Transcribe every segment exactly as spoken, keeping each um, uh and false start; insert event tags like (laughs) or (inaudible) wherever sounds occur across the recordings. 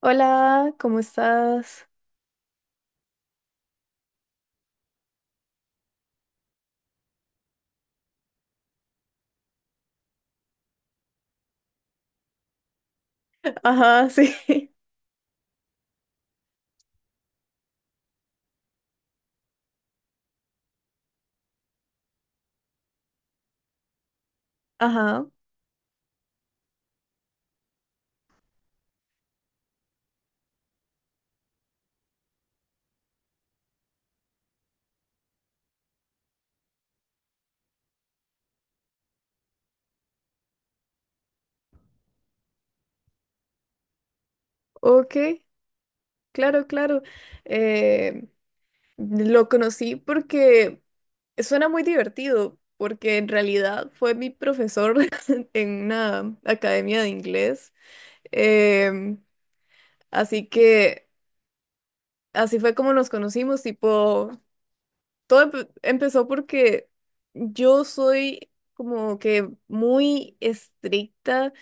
Hola, ¿cómo estás? Ajá, sí. (laughs) Ajá, ok, claro, claro. Eh, lo conocí porque suena muy divertido, porque en realidad fue mi profesor (laughs) en una academia de inglés. Em, así que así fue como nos conocimos, tipo, todo empe- empezó porque yo soy como que muy estricta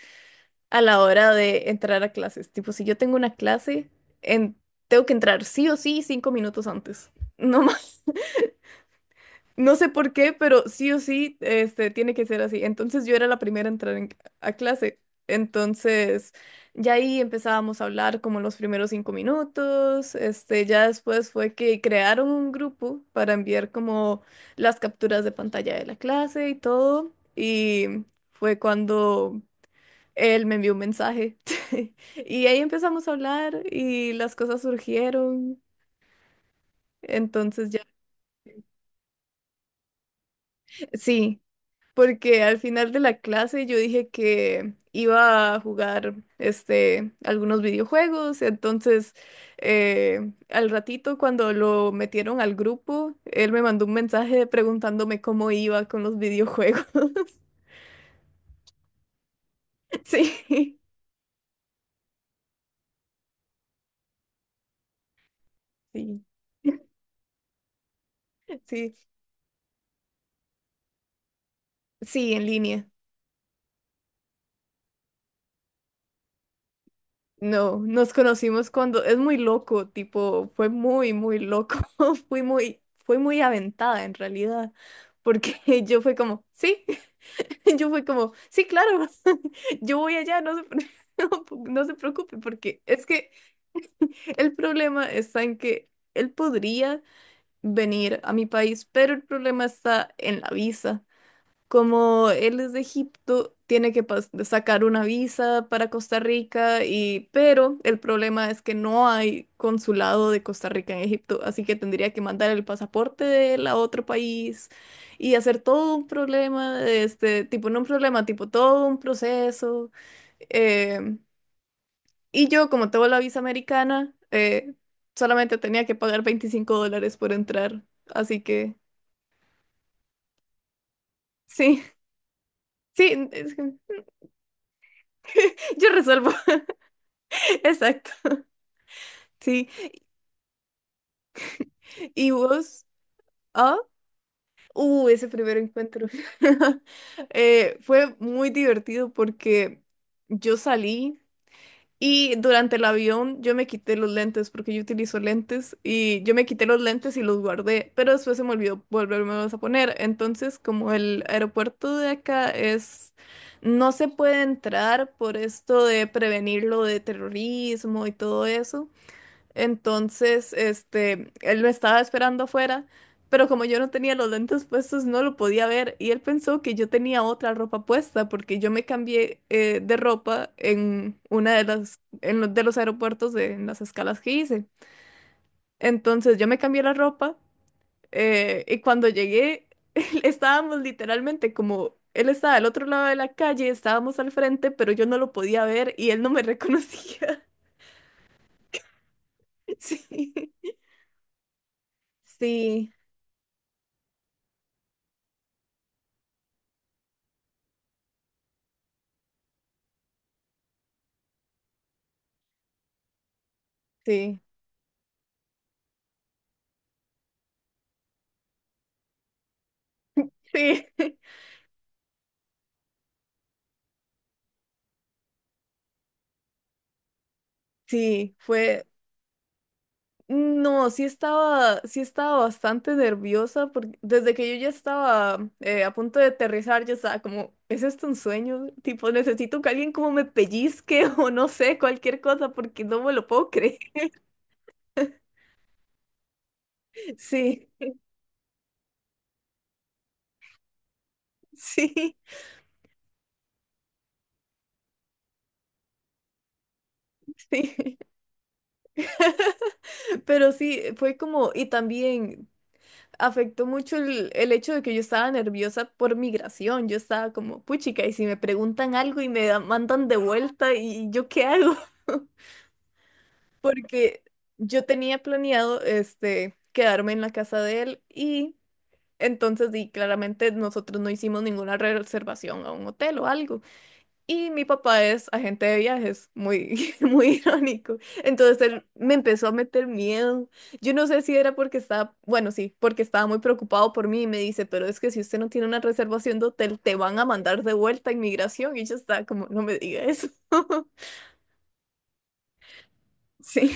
a la hora de entrar a clases. Tipo, si yo tengo una clase, en- tengo que entrar sí o sí cinco minutos antes. No más. (laughs) No sé por qué, pero sí o sí, este, tiene que ser así. Entonces yo era la primera a entrar en- a clase. Entonces, ya ahí empezábamos a hablar como los primeros cinco minutos. Este, ya después fue que crearon un grupo para enviar como las capturas de pantalla de la clase y todo. Y fue cuando él me envió un mensaje (laughs) y ahí empezamos a hablar y las cosas surgieron. Entonces ya, sí, porque al final de la clase yo dije que iba a jugar este, algunos videojuegos. Entonces, eh, al ratito cuando lo metieron al grupo, él me mandó un mensaje preguntándome cómo iba con los videojuegos. (laughs) Sí, sí, sí, sí, en línea. No, nos conocimos cuando es muy loco, tipo, fue muy, muy loco, (laughs) fui muy, fue muy aventada en realidad, porque (laughs) yo fui como, sí, (laughs) yo fui como, sí, claro, (laughs) yo voy allá, no se, pre- (laughs) no, pu- no se preocupe, porque es que el problema está en que él podría venir a mi país, pero el problema está en la visa. Como él es de Egipto, tiene que pas- sacar una visa para Costa Rica y pero el problema es que no hay consulado de Costa Rica en Egipto, así que tendría que mandar el pasaporte de él a otro país y hacer todo un problema, este, tipo, no un problema, tipo todo un proceso. Em, y yo, como tengo la visa americana, eh, solamente tenía que pagar veinticinco dólares por entrar, así que sí, (laughs) sí, es que yo resuelvo, (laughs) exacto. Sí, y vos, ah, uh, ese primer encuentro. (laughs) Eh, fue muy divertido porque yo salí y durante el avión yo me quité los lentes porque yo utilizo lentes y yo me quité los lentes y los guardé, pero después se me olvidó volvérmelos a poner. Entonces, como el aeropuerto de acá es, no se puede entrar por esto de prevenir lo de terrorismo y todo eso. Entonces, este, él me estaba esperando afuera, pero como yo no tenía los lentes puestos, no lo podía ver y él pensó que yo tenía otra ropa puesta porque yo me cambié eh, de ropa en una de las, en los de los aeropuertos de, en las escalas que hice. Entonces, yo me cambié la ropa eh, y cuando llegué, (laughs) estábamos literalmente como, él estaba al otro lado de la calle, estábamos al frente, pero yo no lo podía ver y él no me reconocía. (laughs) Sí, sí, sí. Sí, (laughs) sí, fue, no, sí estaba, sí estaba bastante nerviosa porque desde que yo ya estaba eh, a punto de aterrizar, yo estaba como, ¿es esto un sueño? Tipo, necesito que alguien como me pellizque (laughs) o no sé, cualquier cosa porque no me lo puedo creer. (laughs) Sí, sí, sí. (laughs) Pero sí, fue como, y también afectó mucho el, el hecho de que yo estaba nerviosa por migración. Yo estaba como, puchica, y si me preguntan algo y me da- mandan de vuelta, ¿y yo qué hago? (laughs) Porque yo tenía planeado este quedarme en la casa de él y entonces y claramente nosotros no hicimos ninguna reservación a un hotel o algo. Y mi papá es agente de viajes, muy, (laughs) muy irónico. Entonces él me empezó a meter miedo. Yo no sé si era porque estaba, bueno, sí, porque estaba muy preocupado por mí y me dice, pero es que si usted no tiene una reservación de hotel, te van a mandar de vuelta a inmigración. Y yo estaba como, no me diga eso. (laughs) Sí,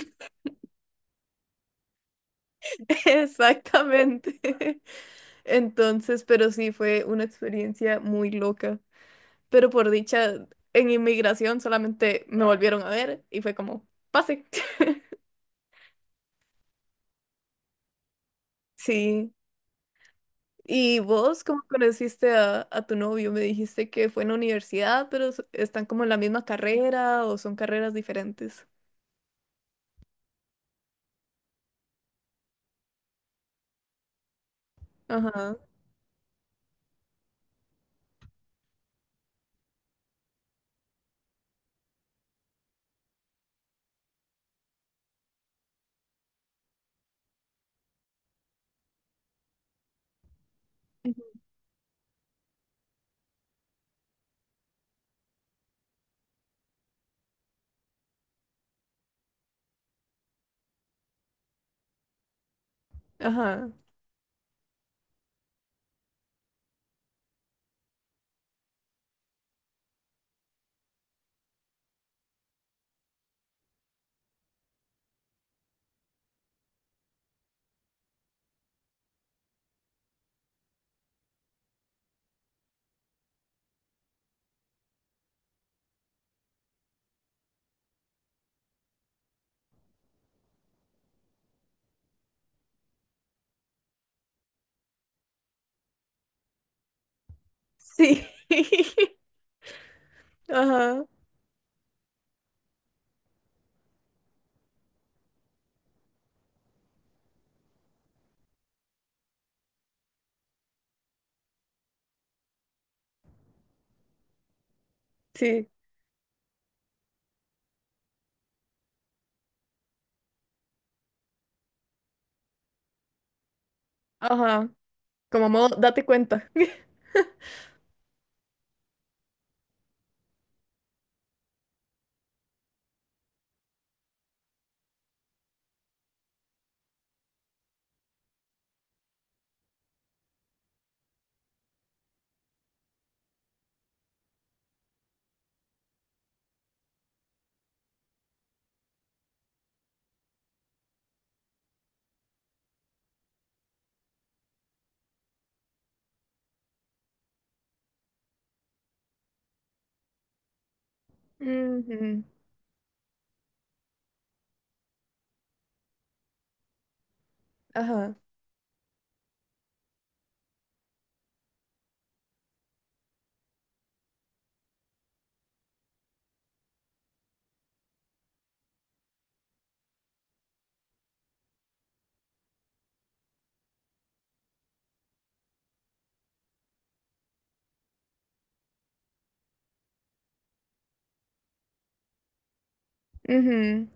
(laughs) exactamente. (laughs) Entonces, pero sí, fue una experiencia muy loca. Pero por dicha, en inmigración solamente me volvieron a ver y fue como, pase. (laughs) Sí. ¿Y vos cómo conociste a, a tu novio? Me dijiste que fue en la universidad, pero s- están como en la misma carrera o son carreras diferentes. Ajá. Ujú. Ajá. Sí. (laughs) Ajá. Sí. Ajá. Como modo, date cuenta. (laughs) Ujú. Ajá. Ujú.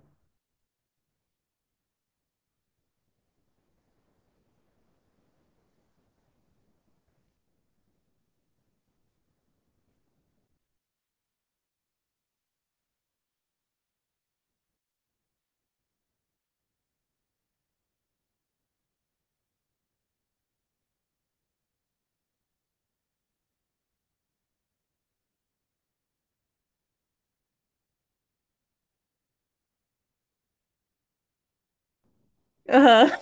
Ajá.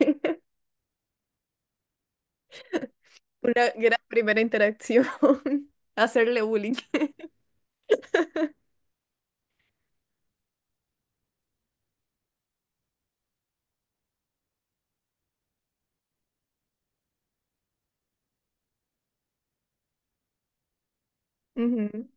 (laughs) Una gran primera interacción. (laughs) Hacerle bullying. Ujú.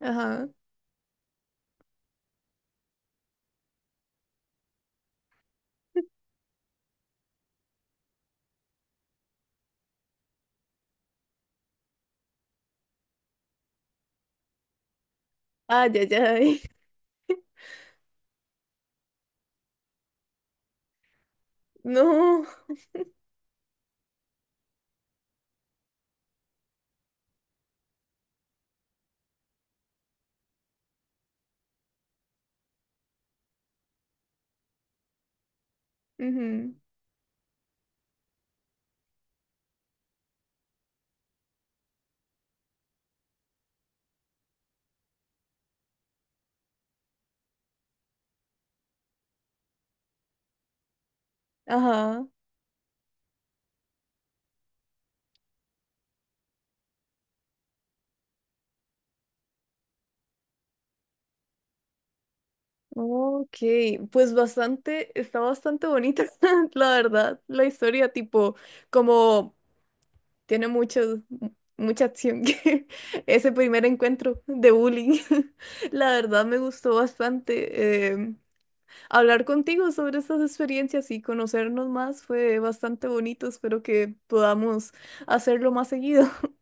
Ajá. Ay, ay, ay. (laughs) No. Ujú. Ajá. Ok, pues bastante, está bastante bonita, (laughs) la verdad, la historia, tipo, como tiene mucho, mu- mucha acción, (laughs) que ese primer encuentro de bullying, (laughs) la verdad me gustó bastante. eh, hablar contigo sobre estas experiencias y conocernos más fue bastante bonito, espero que podamos hacerlo más seguido. (laughs)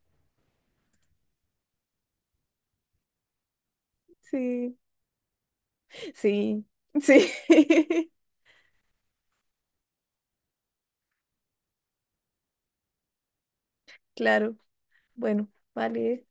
Sí, sí, sí, (laughs) claro, bueno, vale.